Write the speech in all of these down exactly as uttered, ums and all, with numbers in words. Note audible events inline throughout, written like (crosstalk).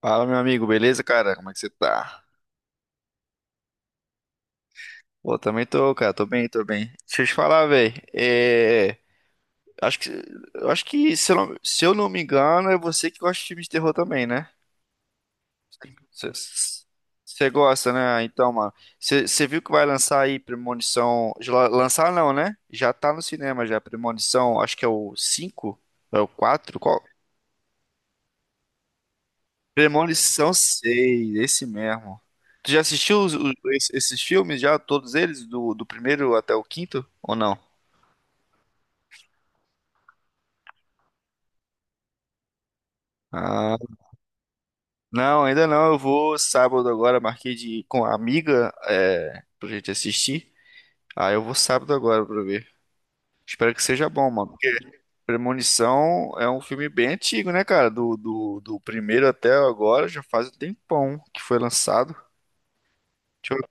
Fala, meu amigo, beleza, cara? Como é que você tá? Pô, também tô, cara, tô bem, tô bem. Deixa eu te falar, velho. É... Acho que, eu acho que se eu, não, se eu não me engano, é você que gosta de filme de terror também, né? Você você gosta, né? Então, mano, você você viu que vai lançar aí Premonição. já la- Lançar não, né? Já tá no cinema já, Premonição, acho que é o cinco, é o quatro? Premonição seis, esse mesmo. Tu já assistiu os- os- es- esses filmes já, todos eles, do, do primeiro até o quinto, ou não? Ah, não, ainda não. Eu vou sábado agora, marquei de com a amiga é, pra gente assistir. Ah, eu vou sábado agora pra ver. Espero que seja bom, mano. Porque Premonição é um filme bem antigo, né, cara? Do, do, do primeiro até agora já faz um tempão que foi lançado. Deixa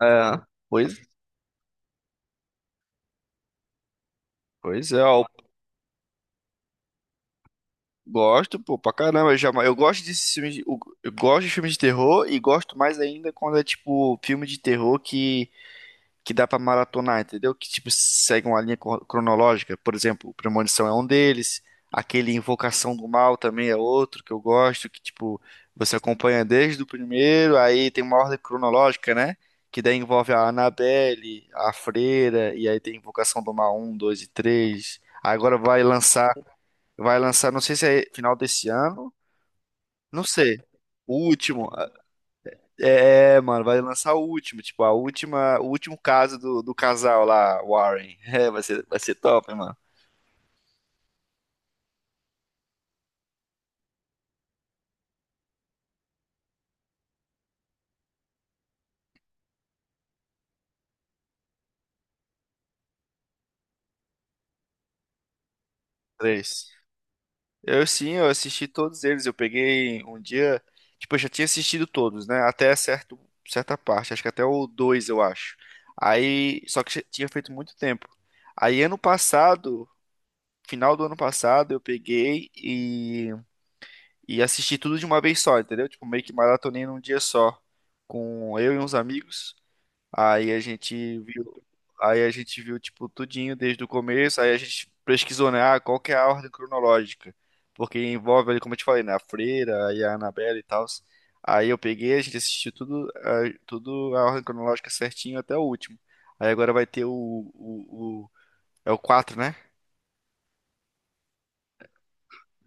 eu... É, pois, pois é, ó. Gosto, pô, pra caramba. Eu, já, eu gosto desses filmes. de- Eu, eu gosto de filmes de terror e gosto mais ainda quando é tipo filme de terror que, que dá pra maratonar, entendeu? Que tipo segue uma linha cro- cronológica. Por exemplo, Premonição é um deles. Aquele Invocação do Mal também é outro que eu gosto. Que tipo você acompanha desde o primeiro, aí tem uma ordem cronológica, né? Que daí envolve a Annabelle, a Freira, e aí tem Invocação do Mal um, dois e três. Agora vai lançar. Vai lançar, não sei se é final desse ano, não sei. O último. É, é, mano, vai lançar o último, tipo, a última, o último caso do, do casal lá, Warren. (laughs) É, vai ser, vai ser top, hein, mano. Três. Eu sim, eu assisti todos eles. Eu peguei um dia, tipo, eu já tinha assistido todos, né? Até certo, certa parte, acho que até o dois, eu acho. Aí, só que já tinha feito muito tempo. Aí ano passado, final do ano passado, eu peguei e e assisti tudo de uma vez só, entendeu? Tipo, meio que maratonei num dia só, com eu e uns amigos. Aí a gente viu, aí a gente viu tipo tudinho desde o começo, aí a gente pesquisou, né, ah, qual que é a ordem cronológica? Porque envolve ali, como eu te falei, né, a Freira, aí a Annabelle e tal. Aí eu peguei, a gente assistiu tudo, ah, tudo a ordem cronológica certinho até o último. Aí agora vai ter o, o, o- é o quatro, né?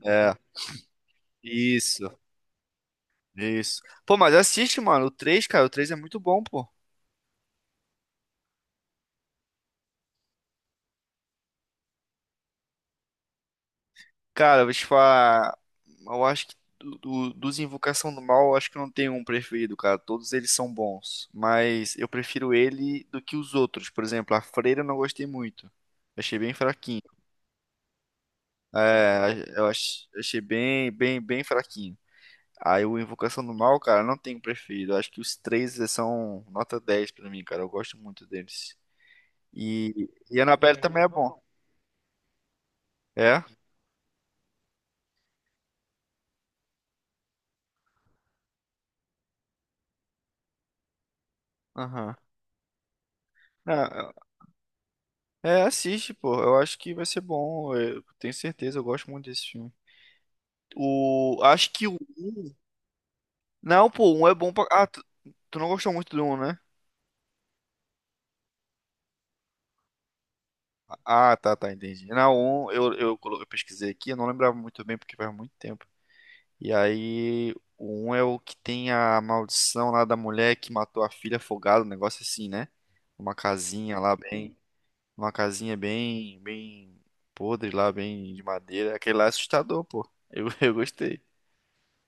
É. Isso. Isso. Pô, mas assiste, mano. O três, cara. O três é muito bom, pô. Cara, eu vou te falar. Eu acho que do, do- dos Invocação do Mal, eu acho que não tenho um preferido, cara. Todos eles são bons. Mas eu prefiro ele do que os outros. Por exemplo, a Freira eu não gostei muito. Achei bem fraquinho. É, eu ach- achei bem, bem, bem fraquinho. Aí o Invocação do Mal, cara, não tenho um preferido. Eu acho que os três são nota dez pra mim, cara. Eu gosto muito deles. E, e Annabelle também é bom. É? Aham. É, assiste, pô. Eu acho que vai ser bom. Eu tenho certeza, eu gosto muito desse filme. O. Acho que o. Não, pô, um é bom pra. Ah, tu, tu não gostou muito do um, né? Ah, tá, tá, entendi. Não, um eu, eu, colo- eu pesquisei aqui, eu não lembrava muito bem porque faz muito tempo. E aí, o um é o que tem a maldição lá da mulher que matou a filha afogada, um negócio assim, né? Uma casinha lá bem. Uma casinha bem. bem podre lá, bem de madeira. Aquele lá é assustador, pô. Eu, (laughs) eu gostei.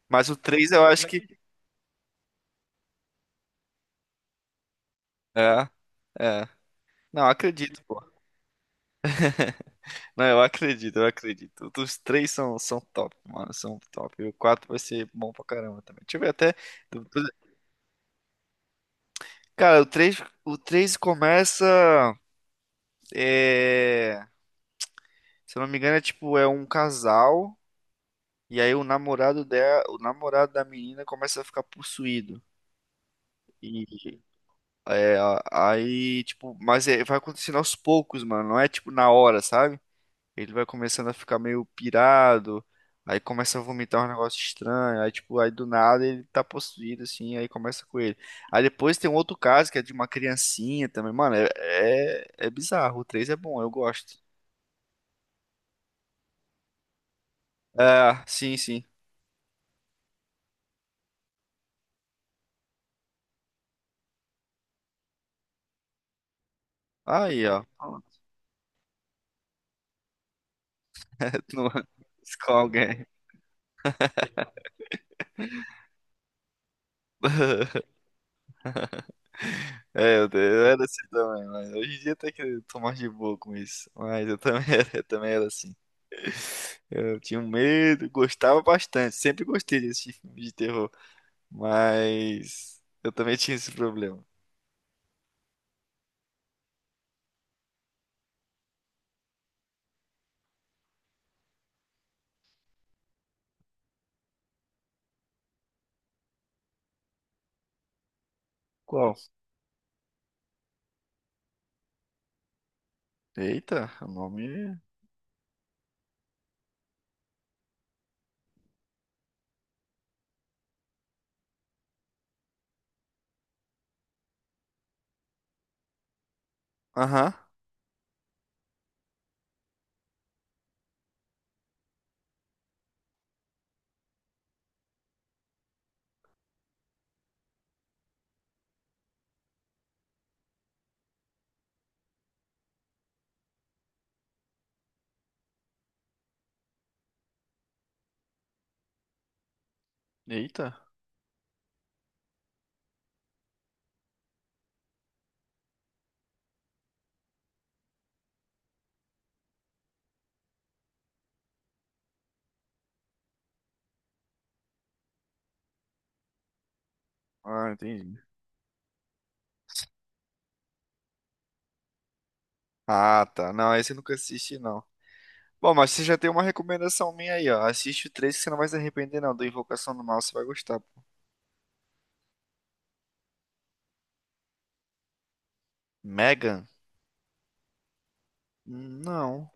Mas o três eu acho que. É, é. Não, eu acredito, pô. Não, eu acredito, eu acredito. Os três são, são top, mano. São top. E o quatro vai ser bom pra caramba também. Deixa eu ver até. Cara, o três o três começa. é, Se eu não me engano, é tipo, é um casal. E aí o namorado dela, o namorado da menina começa a ficar possuído. E é, aí, tipo, mas é- vai acontecendo aos poucos, mano. Não é tipo na hora, sabe? Ele vai começando a ficar meio pirado, aí começa a vomitar um negócio estranho, aí tipo, aí do nada ele tá possuído assim, aí começa com ele. Aí depois tem um outro caso que é de uma criancinha também, mano, é, é, é bizarro. O três é bom, eu gosto. É, sim, sim. Aí, ó. (laughs) Tu não- Com alguém. (laughs) É, eu te- eu era assim também, mas hoje em dia até que eu tô mais de boa com isso. Mas eu também (laughs) era, eu também era assim. Eu tinha um medo, gostava bastante, sempre gostei desse filme de terror. Mas eu também tinha esse problema. Qual? Eita, o nome. Aham. Eita. Ah, entendi. Ah, tá. Não, esse eu nunca assisti, não. Bom, mas você já tem uma recomendação minha aí, ó. Assiste o três que você não vai se arrepender, não. Do Invocação do Mal, você vai gostar, pô. Megan? Não.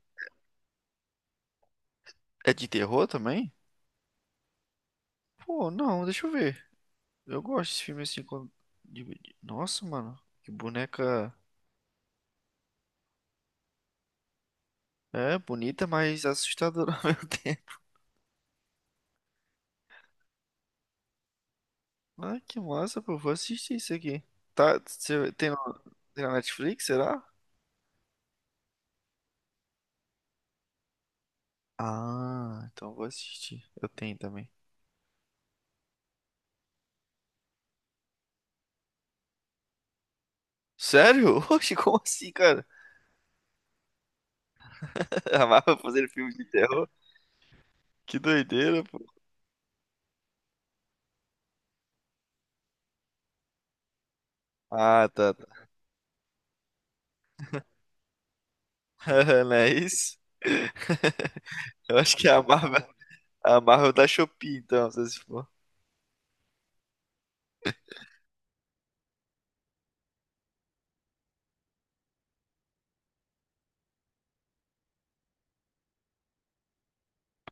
É de terror também? Pô, não, deixa eu ver. Eu gosto desse filme assim. quando- de- de- Nossa, mano. Que boneca. É, bonita, mas assustadora (laughs) ao mesmo tempo. Ah, que massa, pô. Vou assistir isso aqui. Tá, você tem no, tem na Netflix, será? Ah, então vou assistir. Eu tenho também. Sério? (laughs) Oxe, como assim, cara? (laughs) A Marvel fazendo filme de terror? Que doideira, pô. Ah, tá, tá. (laughs) Não é isso? (laughs) Eu acho que é a Marvel, a Marvel da Shopee, então, se for.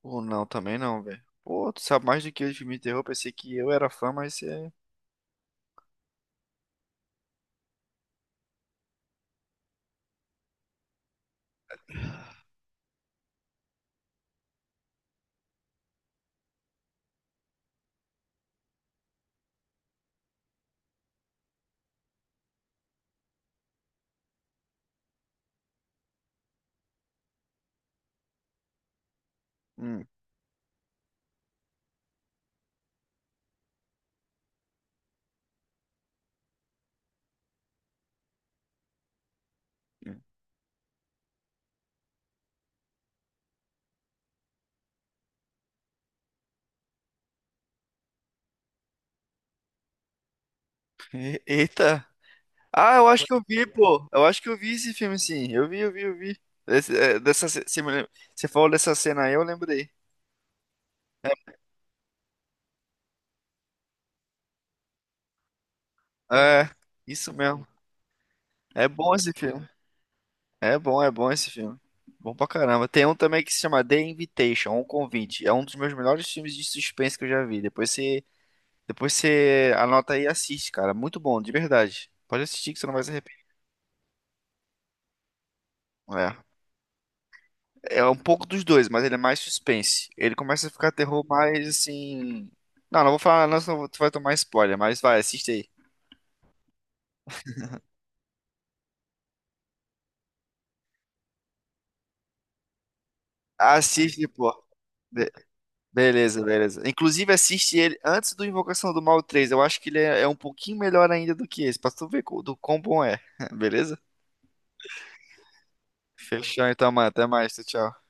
Pô, não, também não, velho. Pô, tu sabe mais do que eu de filme de terror. Pensei que eu era fã, mas você... é- Hum. Hum. (laughs) E- Eita! Ah, eu acho que eu vi, pô. Eu acho que eu vi esse filme, sim. Eu vi, eu vi, eu vi. Esse- é, dessa, ce- você, me lem- você falou dessa cena aí, eu lembrei. É, isso mesmo. É bom esse filme. É bom, é bom esse filme. Bom pra caramba. Tem um também que se chama The Invitation, Um Convite. É um dos meus melhores filmes de suspense que eu já vi. Depois você, depois você anota aí e assiste, cara. Muito bom, de verdade. Pode assistir que você não vai se arrepender. É. É um pouco dos dois, mas ele é mais suspense. Ele começa a ficar terror mais assim. Não, não vou falar, não, senão tu vai tomar spoiler, mas vai, assiste aí. Assiste, pô. Be- beleza, beleza. Inclusive, assiste ele antes do Invocação do Mal três. Eu acho que ele é, é um pouquinho melhor ainda do que esse, pra tu ver co- do quão bom é. (laughs) Beleza? Fechou então, mano. Até mais. Tchau, tchau.